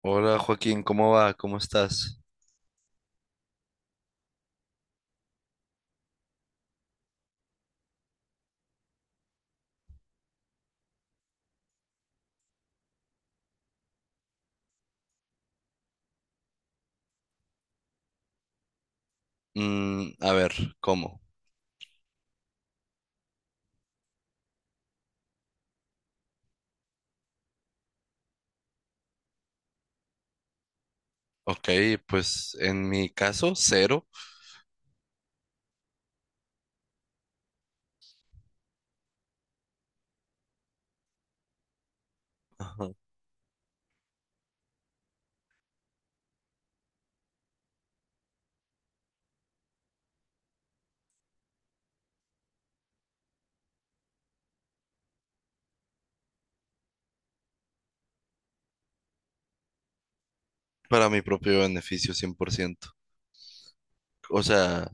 Hola Joaquín, ¿cómo va? ¿Cómo estás? Mm, a ver, ¿cómo? Ok, pues en mi caso, cero. Ajá. Para mi propio beneficio, 100%. O sea,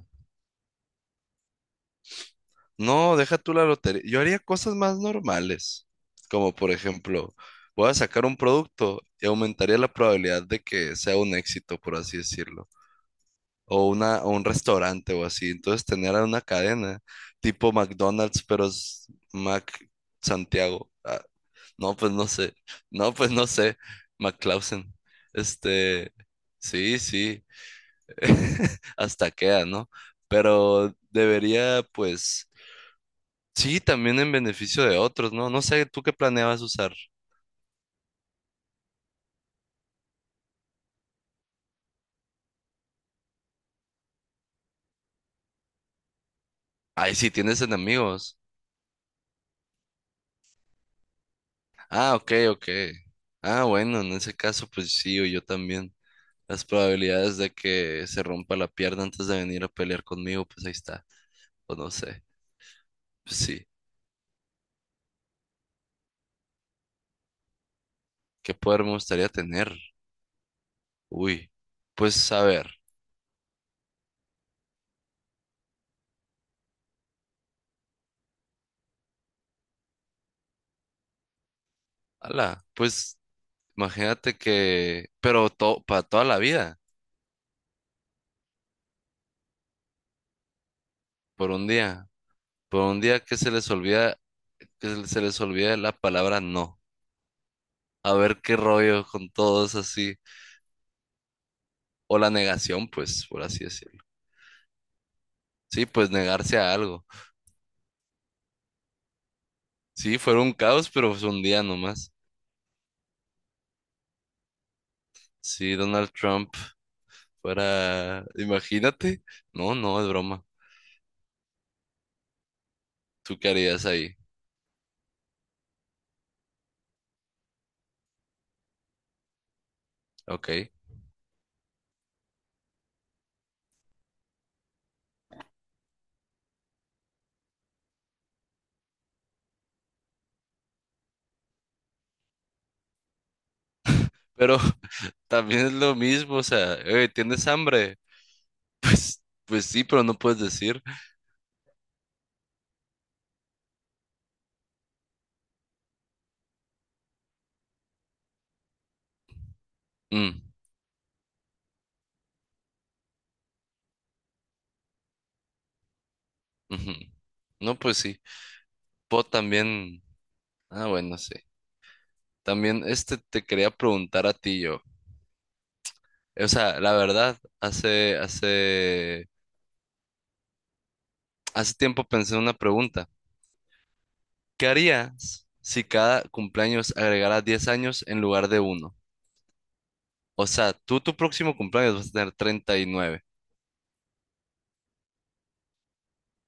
no, deja tú la lotería. Yo haría cosas más normales, como por ejemplo, voy a sacar un producto y aumentaría la probabilidad de que sea un éxito, por así decirlo. O, una, o un restaurante o así. Entonces tener una cadena tipo McDonald's, pero es Mac Santiago. Ah, no, pues no sé. No, pues no sé. McClausen. Este, sí, sí. Hasta queda, ¿no? Pero debería, pues, sí, también en beneficio de otros, ¿no? No sé, ¿tú qué planeabas usar? Ay, sí, tienes enemigos. Ah, ok, ok. Ah, bueno, en ese caso, pues sí, o yo también. Las probabilidades de que se rompa la pierna antes de venir a pelear conmigo, pues ahí está. O no sé. Pues, sí. ¿Qué poder me gustaría tener? Uy. Pues a ver. Ala. Pues imagínate que. Pero para toda la vida. Por un día. Por un día que se les olvida. Que se les olvida la palabra no. A ver qué rollo con todos así. O la negación, pues, por así decirlo. Sí, pues negarse a algo. Sí, fue un caos, pero fue un día nomás. Sí, Donald Trump. Para, imagínate. No, no, es broma. ¿Tú qué harías ahí? Ok. Pero también es lo mismo, o sea, ¿tienes hambre? Pues sí, pero no puedes decir. "Mm, ujú". No, pues sí. Puedo también. Ah, bueno, sí. También este te quería preguntar a ti yo. O sea, la verdad, hace tiempo pensé en una pregunta. ¿Qué harías si cada cumpleaños agregara 10 años en lugar de uno? O sea, tú tu próximo cumpleaños vas a tener 39.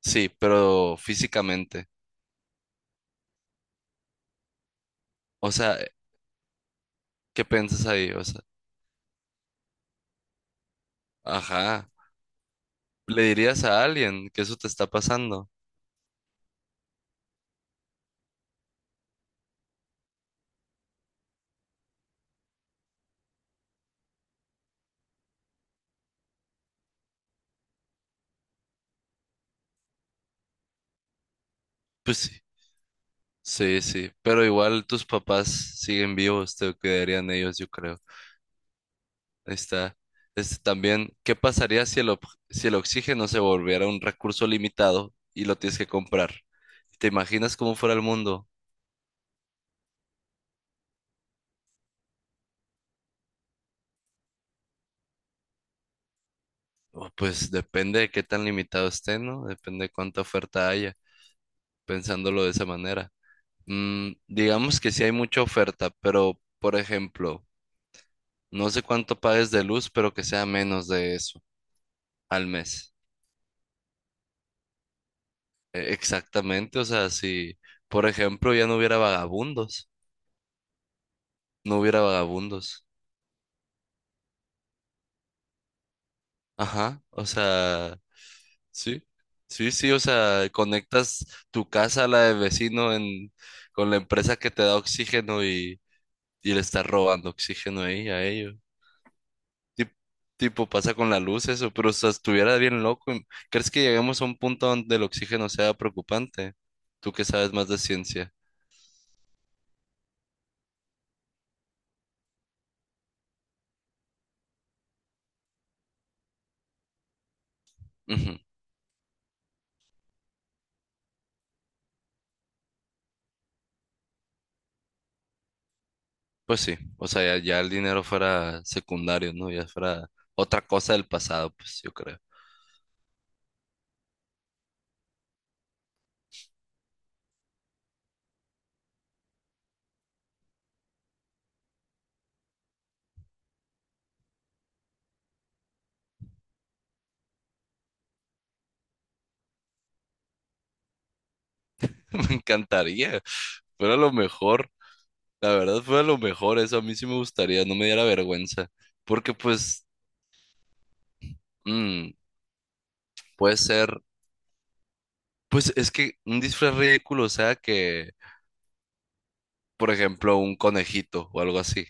Sí, pero físicamente. O sea, ¿qué piensas ahí? O sea, ajá. ¿Le dirías a alguien que eso te está pasando? Pues sí. Sí, sí. Pero igual tus papás siguen vivos, te cuidarían ellos, yo creo. Ahí está. Este también, ¿qué pasaría si el oxígeno se volviera un recurso limitado y lo tienes que comprar? ¿Te imaginas cómo fuera el mundo? Oh, pues depende de qué tan limitado esté, ¿no? Depende de cuánta oferta haya, pensándolo de esa manera. Digamos que sí hay mucha oferta, pero por ejemplo, no sé cuánto pagues de luz, pero que sea menos de eso al mes. Exactamente, o sea, si por ejemplo ya no hubiera vagabundos, no hubiera vagabundos. Ajá, o sea, sí, sí, sí, o sea, conectas tu casa a la del vecino en, con la empresa que te da oxígeno y le estás robando oxígeno ahí a ellos. Tip- Tipo, pasa con la luz eso, pero o sea, estuviera bien loco. ¿Crees que lleguemos a un punto donde el oxígeno sea preocupante? Tú que sabes más de ciencia. Ujú, pues sí, o sea, ya, ya el dinero fuera secundario, ¿no? Ya fuera otra cosa del pasado, pues yo creo. Me encantaría, fuera lo mejor, la verdad fuera lo mejor, eso a mí sí me gustaría, no me diera vergüenza, porque pues mm, puede ser, pues es que un disfraz ridículo, o sea, que, por ejemplo, un conejito o algo así.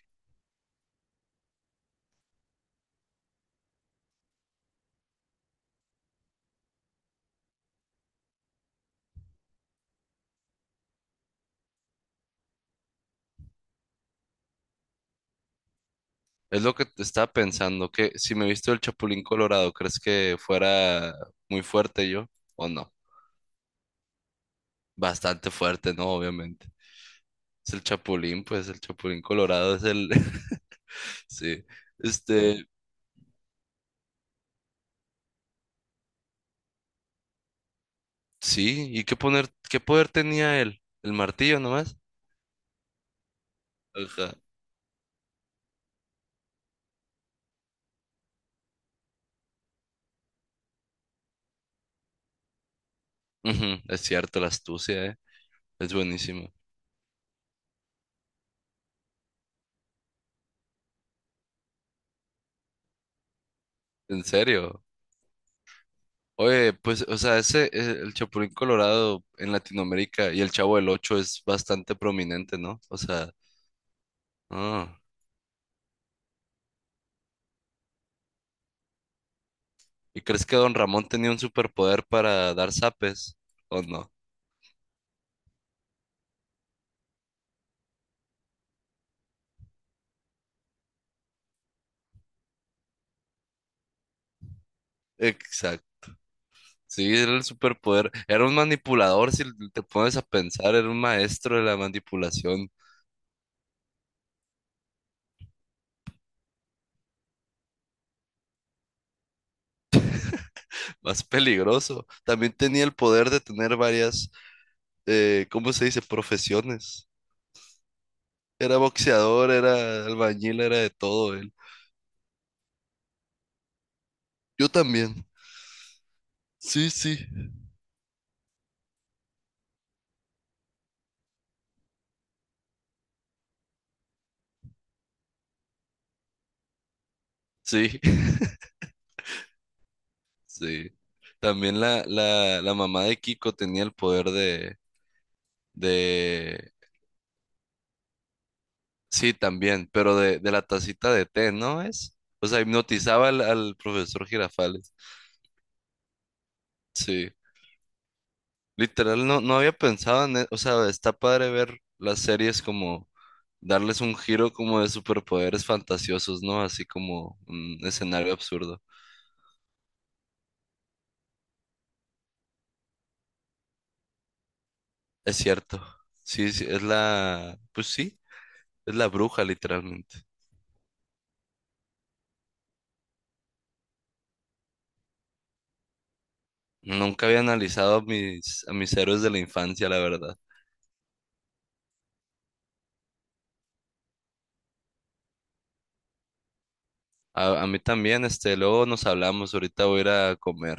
Es lo que te estaba pensando, que si me he visto el Chapulín Colorado, ¿crees que fuera muy fuerte yo o no? Bastante fuerte, ¿no? Obviamente. Es el Chapulín, pues el Chapulín Colorado es el. Sí. Este, sí, ¿y qué poder tenía él? ¿El martillo nomás? Ajá. Ujú, es cierto, la astucia, ¿eh? Es buenísimo. En serio. Oye, pues, o sea, ese, el Chapulín Colorado en Latinoamérica y el Chavo del Ocho es bastante prominente, ¿no? O sea, ah. ¿Y crees que Don Ramón tenía un superpoder para dar zapes? ¿O no? Exacto. Sí, era el superpoder. Era un manipulador, si te pones a pensar, era un maestro de la manipulación más peligroso. También tenía el poder de tener varias, ¿cómo se dice? Profesiones. Era boxeador, era albañil, era de todo él. Yo también. Sí, sí. Sí, sí. También la mamá de Kiko tenía el poder de. Sí, también, pero de la tacita de té, ¿no es? O sea, hipnotizaba al profesor Girafales. Sí, literal, no había pensado en eso. O sea, está padre ver las series como darles un giro como de superpoderes fantasiosos, ¿no? Así como un escenario absurdo. Es cierto. Sí, sí, es la, pues sí, es la bruja, literalmente. Nunca había analizado a mis héroes de la infancia, la verdad. A mí también, este, luego nos hablamos, ahorita voy a ir a comer.